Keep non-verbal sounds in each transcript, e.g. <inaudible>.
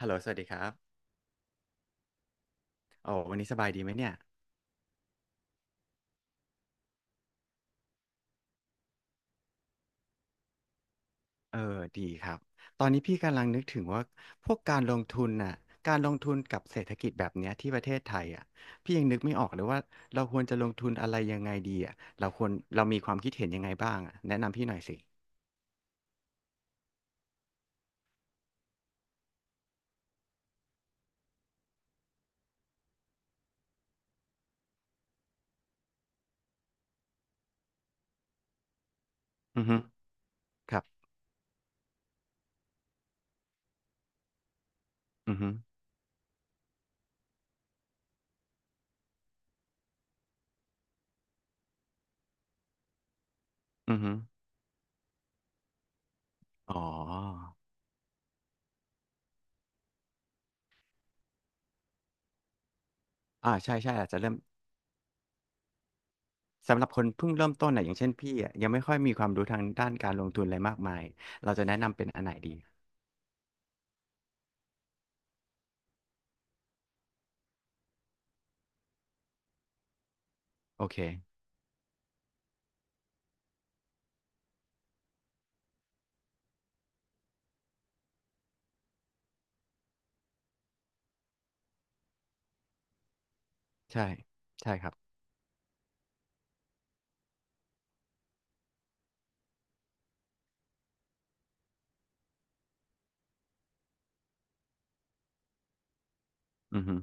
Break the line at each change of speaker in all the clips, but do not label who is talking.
ฮัลโหลสวัสดีครับโอ้วันนี้สบายดีไหมเนี่ยเออดีครับตอนนี้พี่กำลังนึกถึงว่า พวกการลงทุนน่ะการลงทุนกับเศรษฐกิจแบบเนี้ยที่ประเทศไทยอ่ะพี่ยังนึกไม่ออกเลยว่าเราควรจะลงทุนอะไรยังไงดีอ่ะเรามีความคิดเห็นอือฮึครับอือฮึอือฮึอ๋ออ่าใช่ใช่อาจจะเริ่มสำหรับคนเพิ่งเริ่มต้นน่ะอย่างเช่นพี่อ่ะยังไม่ค่อยมีความรู้ทางด้านการลงทุนอะไรมากมายเราจะแนะนำเป็นอันไหนดีโอเคใช่ใช่ครับอือฮึ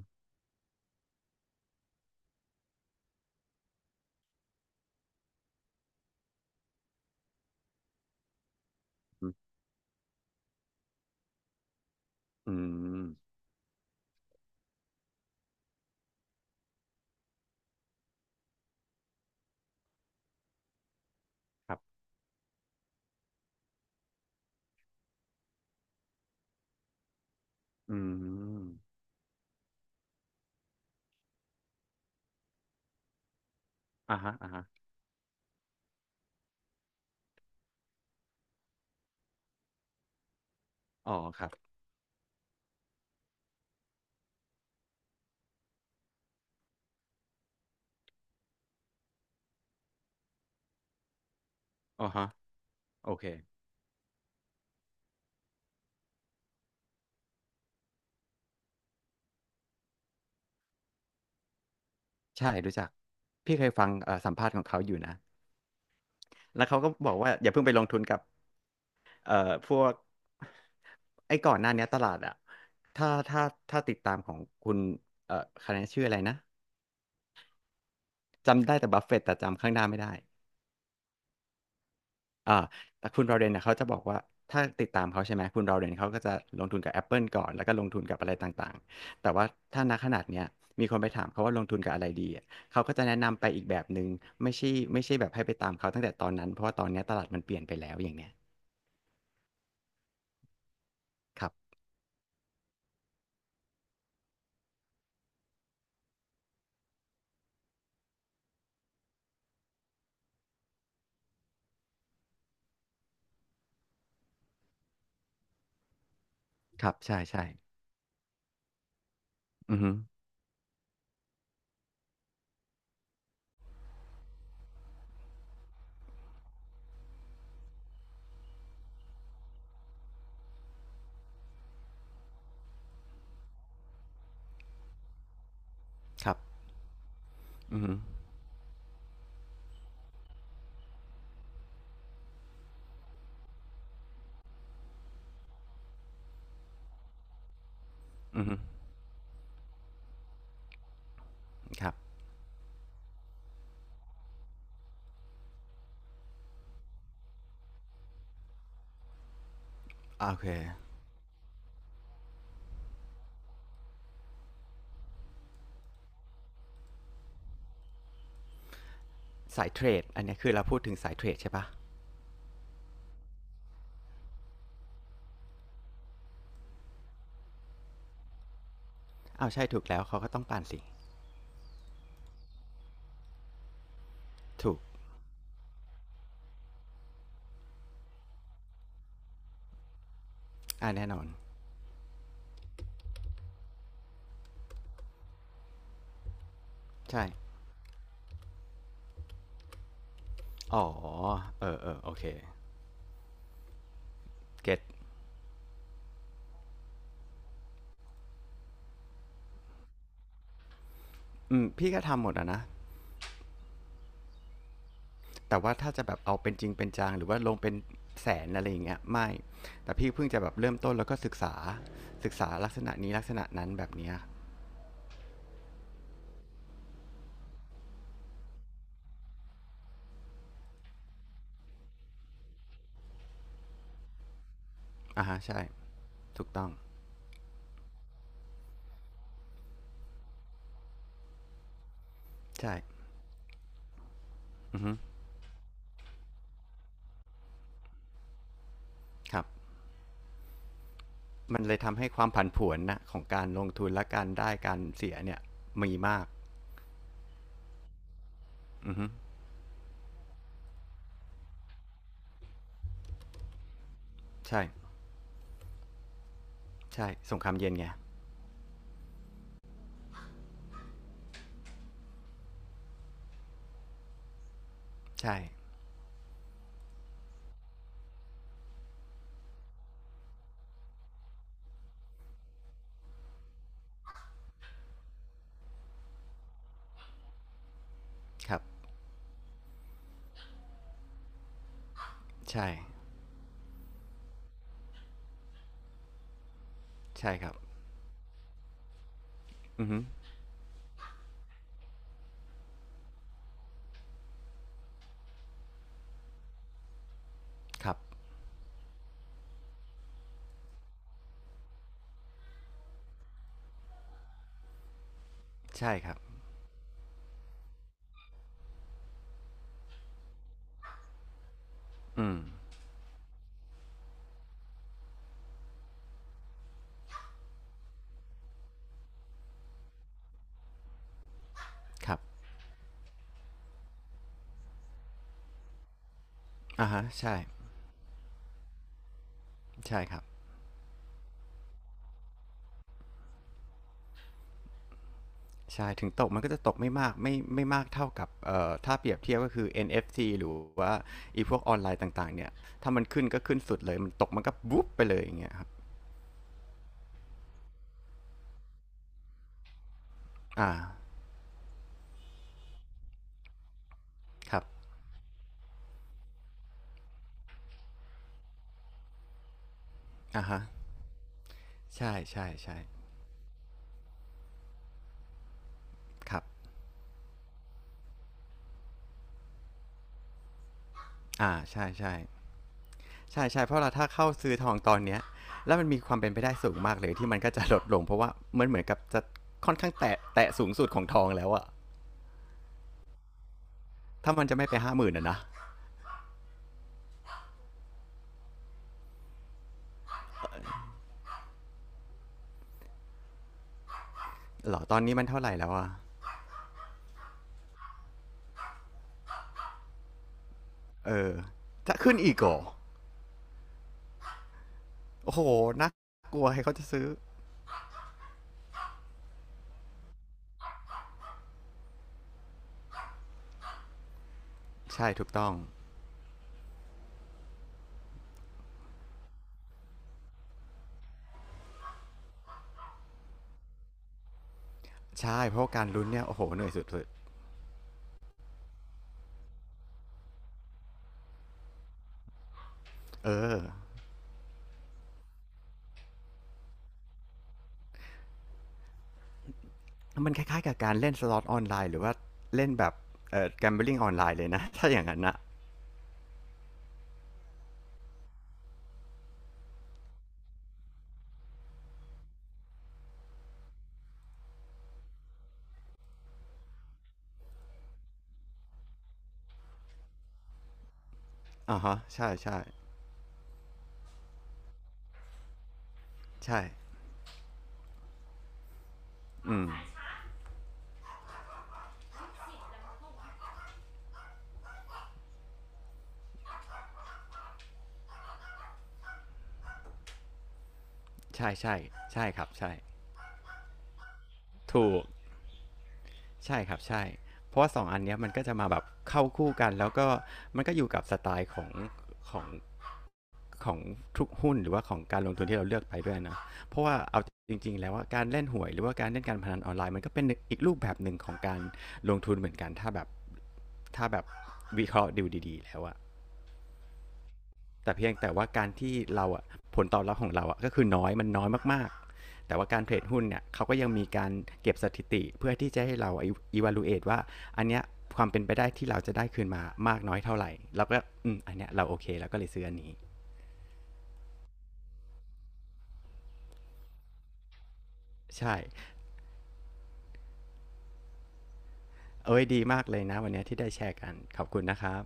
อืมอืมครับ อืมอ่าฮะอ่าฮะอ๋อครับอ๋อฮะ โอเค ใช่รู้จักพี่เคยฟังสัมภาษณ์ของเขาอยู่นะ แล้วเขาก็บอกว่า อย่าเพิ่งไปลงทุนกับเอ่อพวก ไอ้ก่อนหน้าเนี้ยตลาดอะถ้าถ้าถ้าติดตามของคุณเอ่อคะแนนชื่ออะไรนะ จำได้แต่บัฟเฟตต์แต่จำข้างหน้าไม่ได้ อ่าแต่คุณราเรนเนี่ยเขาจะบอกว่าถ้าติดตามเขาใช่ไหมคุณราเรนเขาก็จะลงทุนกับ Apple ก่อนแล้วก็ลงทุนกับอะไรต่างๆแต่ว่าถ้าณขนาดเนี้ยมีคนไปถามเขาว่าลงทุนกับอะไรดีอะเขาก็จะแนะนำไปอีกแบบหนึ่งไม่ใช่ไม่ใช่แบบให้ไปตามเขาตั้งแต่ตอนนั้นเพราะว่าตอนเนี้ยตลาดมันเปลี่ยนไปแล้วอย่างเนี้ยครับครับใช่ใช่อือฮึครับอือฮึอือฮึครับอ่าโอเคสายเทรดอันเนี้ยคือเราพูดถึงสายเทรดใช่ปะอ้าวใช่ถูกแล้วเขาก็ต้องปั่นสิถูกอ่าแน่นอนใช่ อ๋อเออเออโอเคเก็ตอืมพี่ก็ทำหมดอะนะแต่ว่าถ้าจะแบบเอาเป็นจริงเป็นจังหรือว่าลงเป็นแสนอะไรอย่างเงี้ยไม่แต่พี่เพิ่งจะแบบเริ่มต้นแล้วก็ศึกษาลักษณะนี้ลักษณะนั้นแบบเนี้ยอ่าฮะใช่ถูกต้องใช่อือฮึครับมันเลยทำให้ความผันผวนนะของการลงทุนและการได้การเสียเนี่ยมีมากอือฮึใช่ใช่สงครามเย็นไงใช่ครับใช่ใช่ครับอือฮึครับใช่ครับอืม ครับอะฮะใช่ใช่ครับใช่ถึงตกมันก็จะตกไม่มากไม่มากเท่ากับเอ่อถ้าเปรียบเทียบก็คือ NFC หรือว่าไอีพวกออนไลน์ต่างๆเนี่ยถ้ามันขึ้นก็ขึ้นสุดเลยมันตกมันก็บุ๊บไปเลยอย่างเงี้ยครับอ่าครับอ่ฮะใช่ใช่ใช่ครับอ่าใช่ใช่ใช่ใช่เพราะเราถ้าเข้าซื้อทองตอนเนี้ยแล้วมันมีความเป็นไปได้สูงมากเลยที่มันก็จะลดลงเพราะว่ามันเหมือนกับจะค่อนข้างแตะสูงสุดของทองแล้วอะถ้ามันจะไม่ไป50,000อะนะเหรอตอนนี้มันเท่าไหร่แล้วอะ เออจะขึ้นอีกเหรอโอ้โหน่ากลัวให้เขาจะซื้อใช่ถูกต้องใช่เพราะว่าการลุ้นเนี่ยโอ้โหเหนื่อยสุดๆเออมันคล้ายๆกับการเล่นสล็อตออนไลน์หรือว่าเล่นแบบแกมเบลิงออนไลน์เลยนะ <laughs> ถ้าอย่างนั้นนะอ่าฮะใช่ใช่ใช่อืมใช่ใช่ใช่ครับใช่ถูกใช่ครับใช่เพราะว่าสองอันเนี้ยมันก็จะมาแบบเข้าคู่กันแล้วก็มันก็อยู่กับสไตล์ของ ของทุกหุ้นหรือว่าของการลงทุนที่เราเลือกไปด้วยนะเพราะว่าเอาจริงๆแล้วว่าการเล่นหวยหรือว่าการเล่นการพนันออนไลน์มันก็เป็นอีกรูปแบบหนึ่งของการลงทุนเหมือนกันถ้าแบบวิเคราะห์ดูดีๆแล้วอะแต่เพียงแต่ว่าการที่เราอะผลตอบรับของเราอะก็คือน้อยมันน้อยมากๆแต่ว่าการเทรดหุ้นเนี่ยเขาก็ยังมีการเก็บสถิติเพื่อที่จะให้เรา evaluate ว่าอันเนี้ยความเป็นไปได้ที่เราจะได้คืนมามากน้อยเท่าไหร่แล้วก็อืมอันเนี้ยเราโอเคแล้วก็เลยซื้ออันนี้ใช่ เอ้ยดีมากเลยนะวันนี้ที่ได้แชร์กันขอบคุณนะครับ